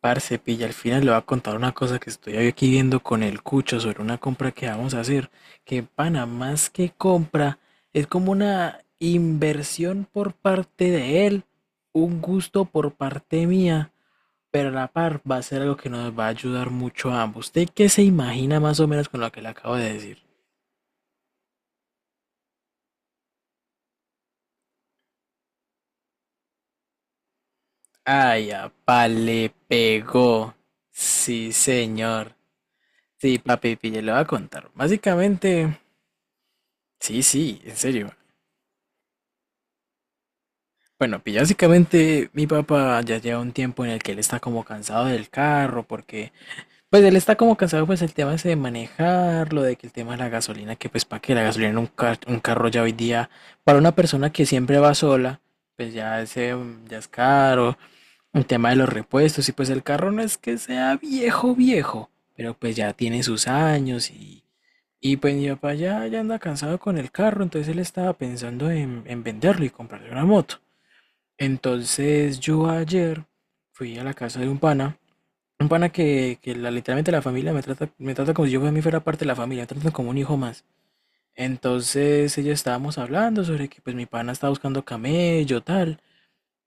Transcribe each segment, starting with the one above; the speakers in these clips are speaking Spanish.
Parce, pilla, al final le voy a contar una cosa que estoy aquí viendo con el cucho sobre una compra que vamos a hacer. Que pana, más que compra, es como una inversión por parte de él, un gusto por parte mía, pero a la par va a ser algo que nos va a ayudar mucho a ambos. ¿Usted qué se imagina más o menos con lo que le acabo de decir? Ay, apa, le pegó. Sí, señor. Sí, papi, pilla, le voy a contar. Básicamente, sí, sí, en serio. Bueno, pues básicamente mi papá ya lleva un tiempo en el que él está como cansado del carro, porque pues él está como cansado pues el tema ese de manejarlo, de que el tema de la gasolina, que pues para que la gasolina en un carro ya hoy día, para una persona que siempre va sola, pues ya ese ya es caro, el tema de los repuestos, y pues el carro no es que sea viejo viejo, pero pues ya tiene sus años y pues mi papá ya anda cansado con el carro, entonces él estaba pensando en venderlo y comprarle una moto. Entonces yo ayer fui a la casa de un pana que literalmente la familia me trata como si yo a mí fuera parte de la familia, me tratan como un hijo más. Entonces ellos estábamos hablando sobre que pues mi pana estaba buscando camello, tal,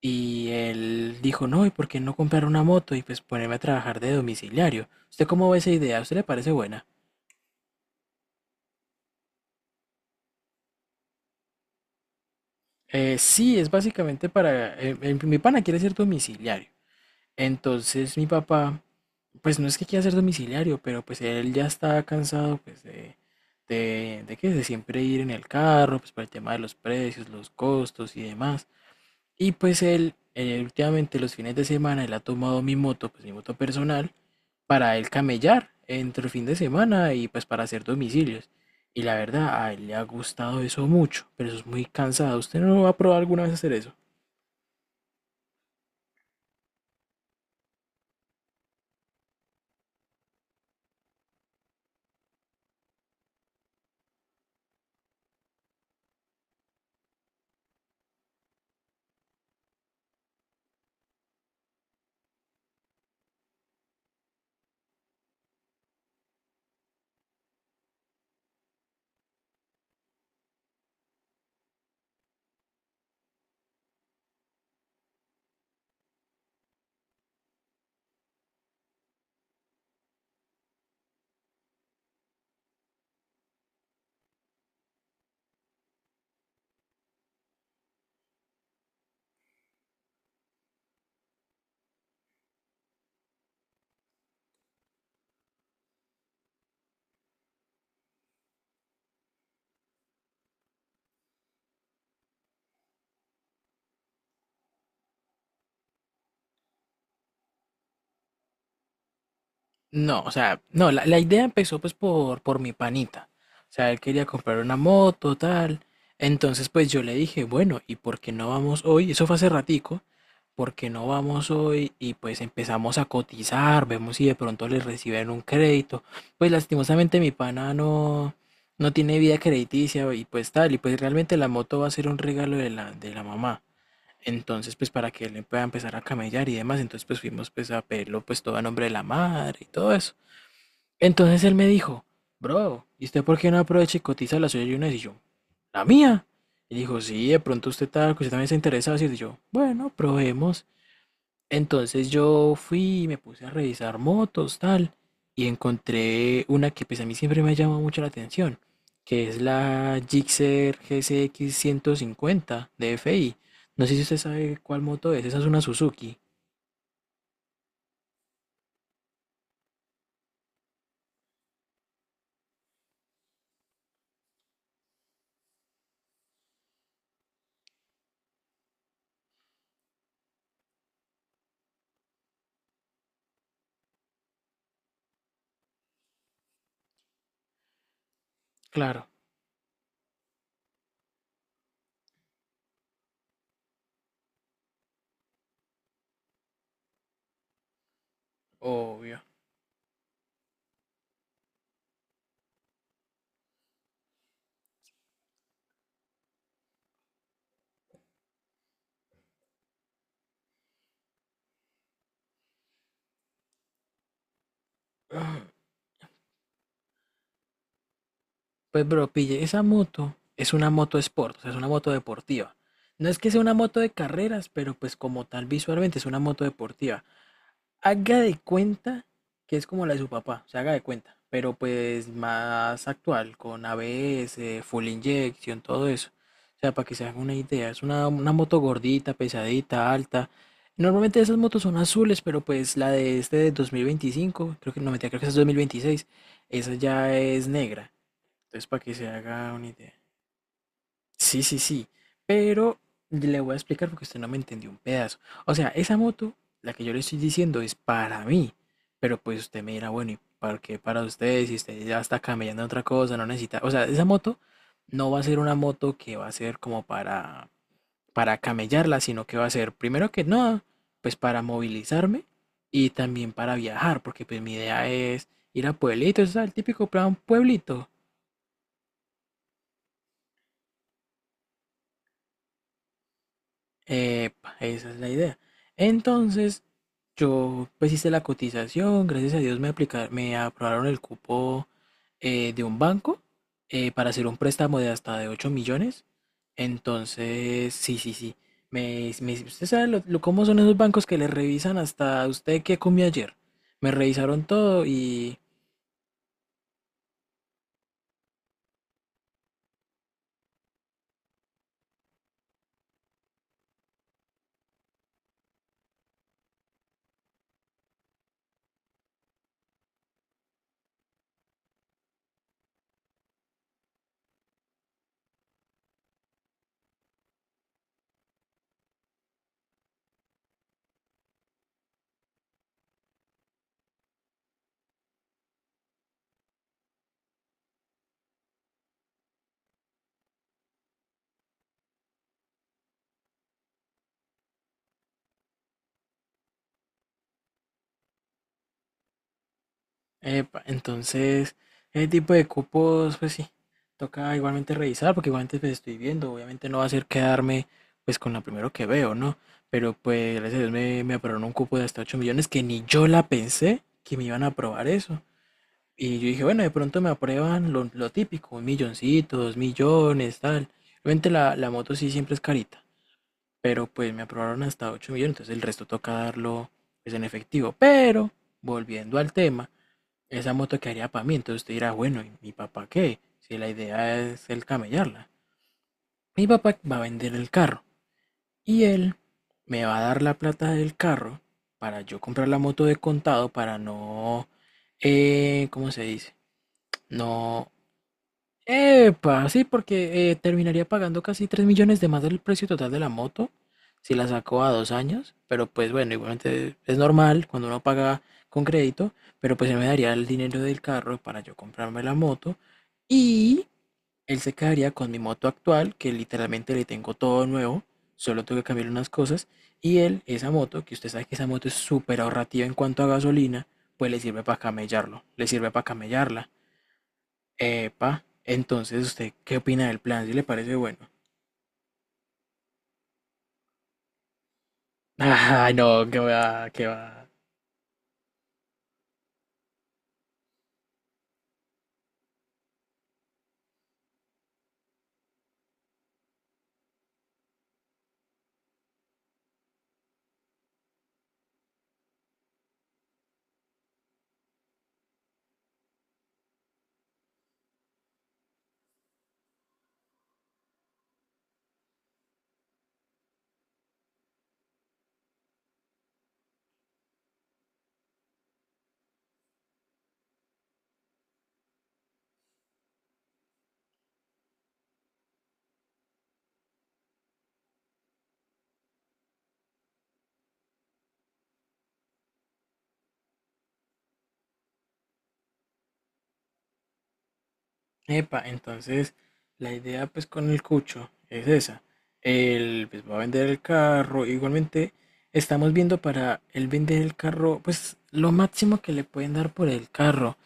y él dijo, no, ¿y por qué no comprar una moto y pues ponerme a trabajar de domiciliario? ¿Usted cómo ve esa idea? ¿A usted le parece buena? Sí, es básicamente para mi pana quiere ser domiciliario. Entonces mi papá, pues no es que quiera ser domiciliario, pero pues él ya está cansado pues de que de siempre ir en el carro, pues para el tema de los precios, los costos y demás. Y pues él, últimamente los fines de semana, él ha tomado mi moto, pues mi moto personal, para él camellar entre el fin de semana y pues para hacer domicilios. Y la verdad, a él le ha gustado eso mucho, pero eso es muy cansado. ¿Usted no va a probar alguna vez hacer eso? No, o sea, no, la idea empezó pues por mi panita. O sea, él quería comprar una moto, tal. Entonces pues yo le dije, bueno, ¿y por qué no vamos hoy? Eso fue hace ratico. ¿Por qué no vamos hoy? Y pues empezamos a cotizar, vemos si de pronto le reciben un crédito. Pues lastimosamente mi pana no tiene vida crediticia y pues tal. Y pues realmente la moto va a ser un regalo de la mamá. Entonces, pues para que él pueda empezar a camellar y demás, entonces pues fuimos pues a pedirlo pues todo a nombre de la madre y todo eso. Entonces él me dijo, bro, ¿y usted por qué no aprovecha y cotiza la suya y una vez? Y yo, ¿la mía? Y dijo, sí, de pronto usted también se interesa. Y yo, bueno, probemos. Entonces yo fui y me puse a revisar motos, tal, y encontré una que pues a mí siempre me ha llamado mucho la atención, que es la Gixxer GCX 150 de FI. No sé si usted sabe cuál moto es, esa es una Suzuki, claro, obvio. Pues bro, pille, esa moto es una moto sport, o sea, es una moto deportiva. No es que sea una moto de carreras, pero pues como tal visualmente es una moto deportiva. Haga de cuenta que es como la de su papá, se haga de cuenta, pero pues más actual, con ABS, full injection, todo eso. O sea, para que se hagan una idea, es una moto gordita, pesadita, alta. Normalmente esas motos son azules, pero pues la de este de 2025 creo que no, mentira, creo que esa es 2026. Esa ya es negra. Entonces, para que se haga una idea. Sí, sí, sí. Pero le voy a explicar porque usted no me entendió un pedazo. O sea, esa moto, la que yo le estoy diciendo, es para mí. Pero pues usted me dirá, bueno, ¿y para qué para usted? Si usted ya está cambiando otra cosa, no necesita. O sea, esa moto no va a ser una moto que va a ser como para, camellarla, sino que va a ser, primero que nada, pues para movilizarme y también para viajar, porque pues mi idea es ir a pueblitos, o sea, el típico plan pueblito. Epa, esa es la idea. Entonces, yo pues hice la cotización, gracias a Dios me aprobaron el cupo de un banco para hacer un préstamo de hasta de 8 millones. Entonces, sí, sí, sí. Usted sabe cómo son esos bancos que le revisan hasta usted qué comió ayer. Me revisaron todo y Epa, entonces, ese tipo de cupos, pues sí, toca igualmente revisar, porque igualmente pues, estoy viendo, obviamente no va a ser quedarme pues con la primero que veo, ¿no? Pero pues gracias a Dios me aprobaron un cupo de hasta 8 millones que ni yo la pensé que me iban a aprobar eso. Y yo dije, bueno, de pronto me aprueban lo típico, un milloncito, 2 millones, tal. Obviamente la moto sí siempre es carita, pero pues me aprobaron hasta 8 millones, entonces el resto toca darlo pues en efectivo. Pero, volviendo al tema, esa moto quedaría para mí. Entonces usted dirá, bueno, ¿y mi papá qué? Si la idea es el camellarla. Mi papá va a vender el carro y él me va a dar la plata del carro para yo comprar la moto de contado para no, ¿cómo se dice? No. Epa, sí, porque terminaría pagando casi 3 millones de más del precio total de la moto si la saco a 2 años, pero pues bueno, igualmente es normal cuando uno paga con crédito, pero pues él me daría el dinero del carro para yo comprarme la moto y él se quedaría con mi moto actual, que literalmente le tengo todo nuevo, solo tengo que cambiar unas cosas, y él, esa moto, que usted sabe que esa moto es súper ahorrativa en cuanto a gasolina, pues le sirve para camellarlo, le sirve para camellarla. Epa, entonces, ¿usted qué opina del plan? ¿Si le parece bueno? Ah, no, que va, que va. Epa, entonces la idea pues con el cucho es esa. Él pues va a vender el carro. Igualmente estamos viendo para él vender el carro, pues lo máximo que le pueden dar por el carro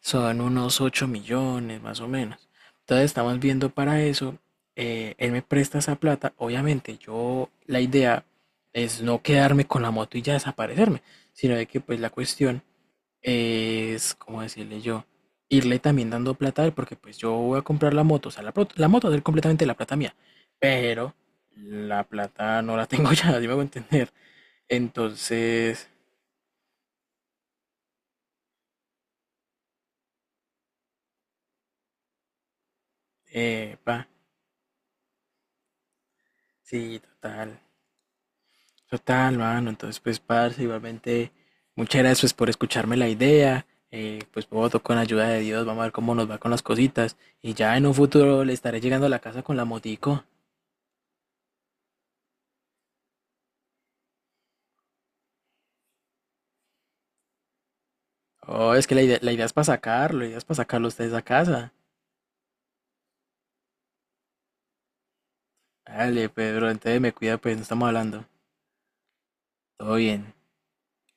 son unos 8 millones más o menos. Entonces estamos viendo para eso. Él me presta esa plata. Obviamente yo la idea es no quedarme con la moto y ya desaparecerme, sino de que pues la cuestión es, ¿cómo decirle yo? Irle también dando plata a él, porque pues yo voy a comprar la moto, o sea, la moto de él completamente la plata mía, pero la plata no la tengo ya, así me voy a entender. Entonces, pa, sí, total, total, mano, entonces pues, parce, igualmente, muchas gracias pues, por escucharme la idea, pues voto con ayuda de Dios, vamos a ver cómo nos va con las cositas, y ya en un futuro le estaré llegando a la casa con la motico. Oh, es que la idea es para sacarlo, la idea es para sacarlo a ustedes a casa. Dale, Pedro, entonces me cuida, pues, no estamos hablando. Todo bien.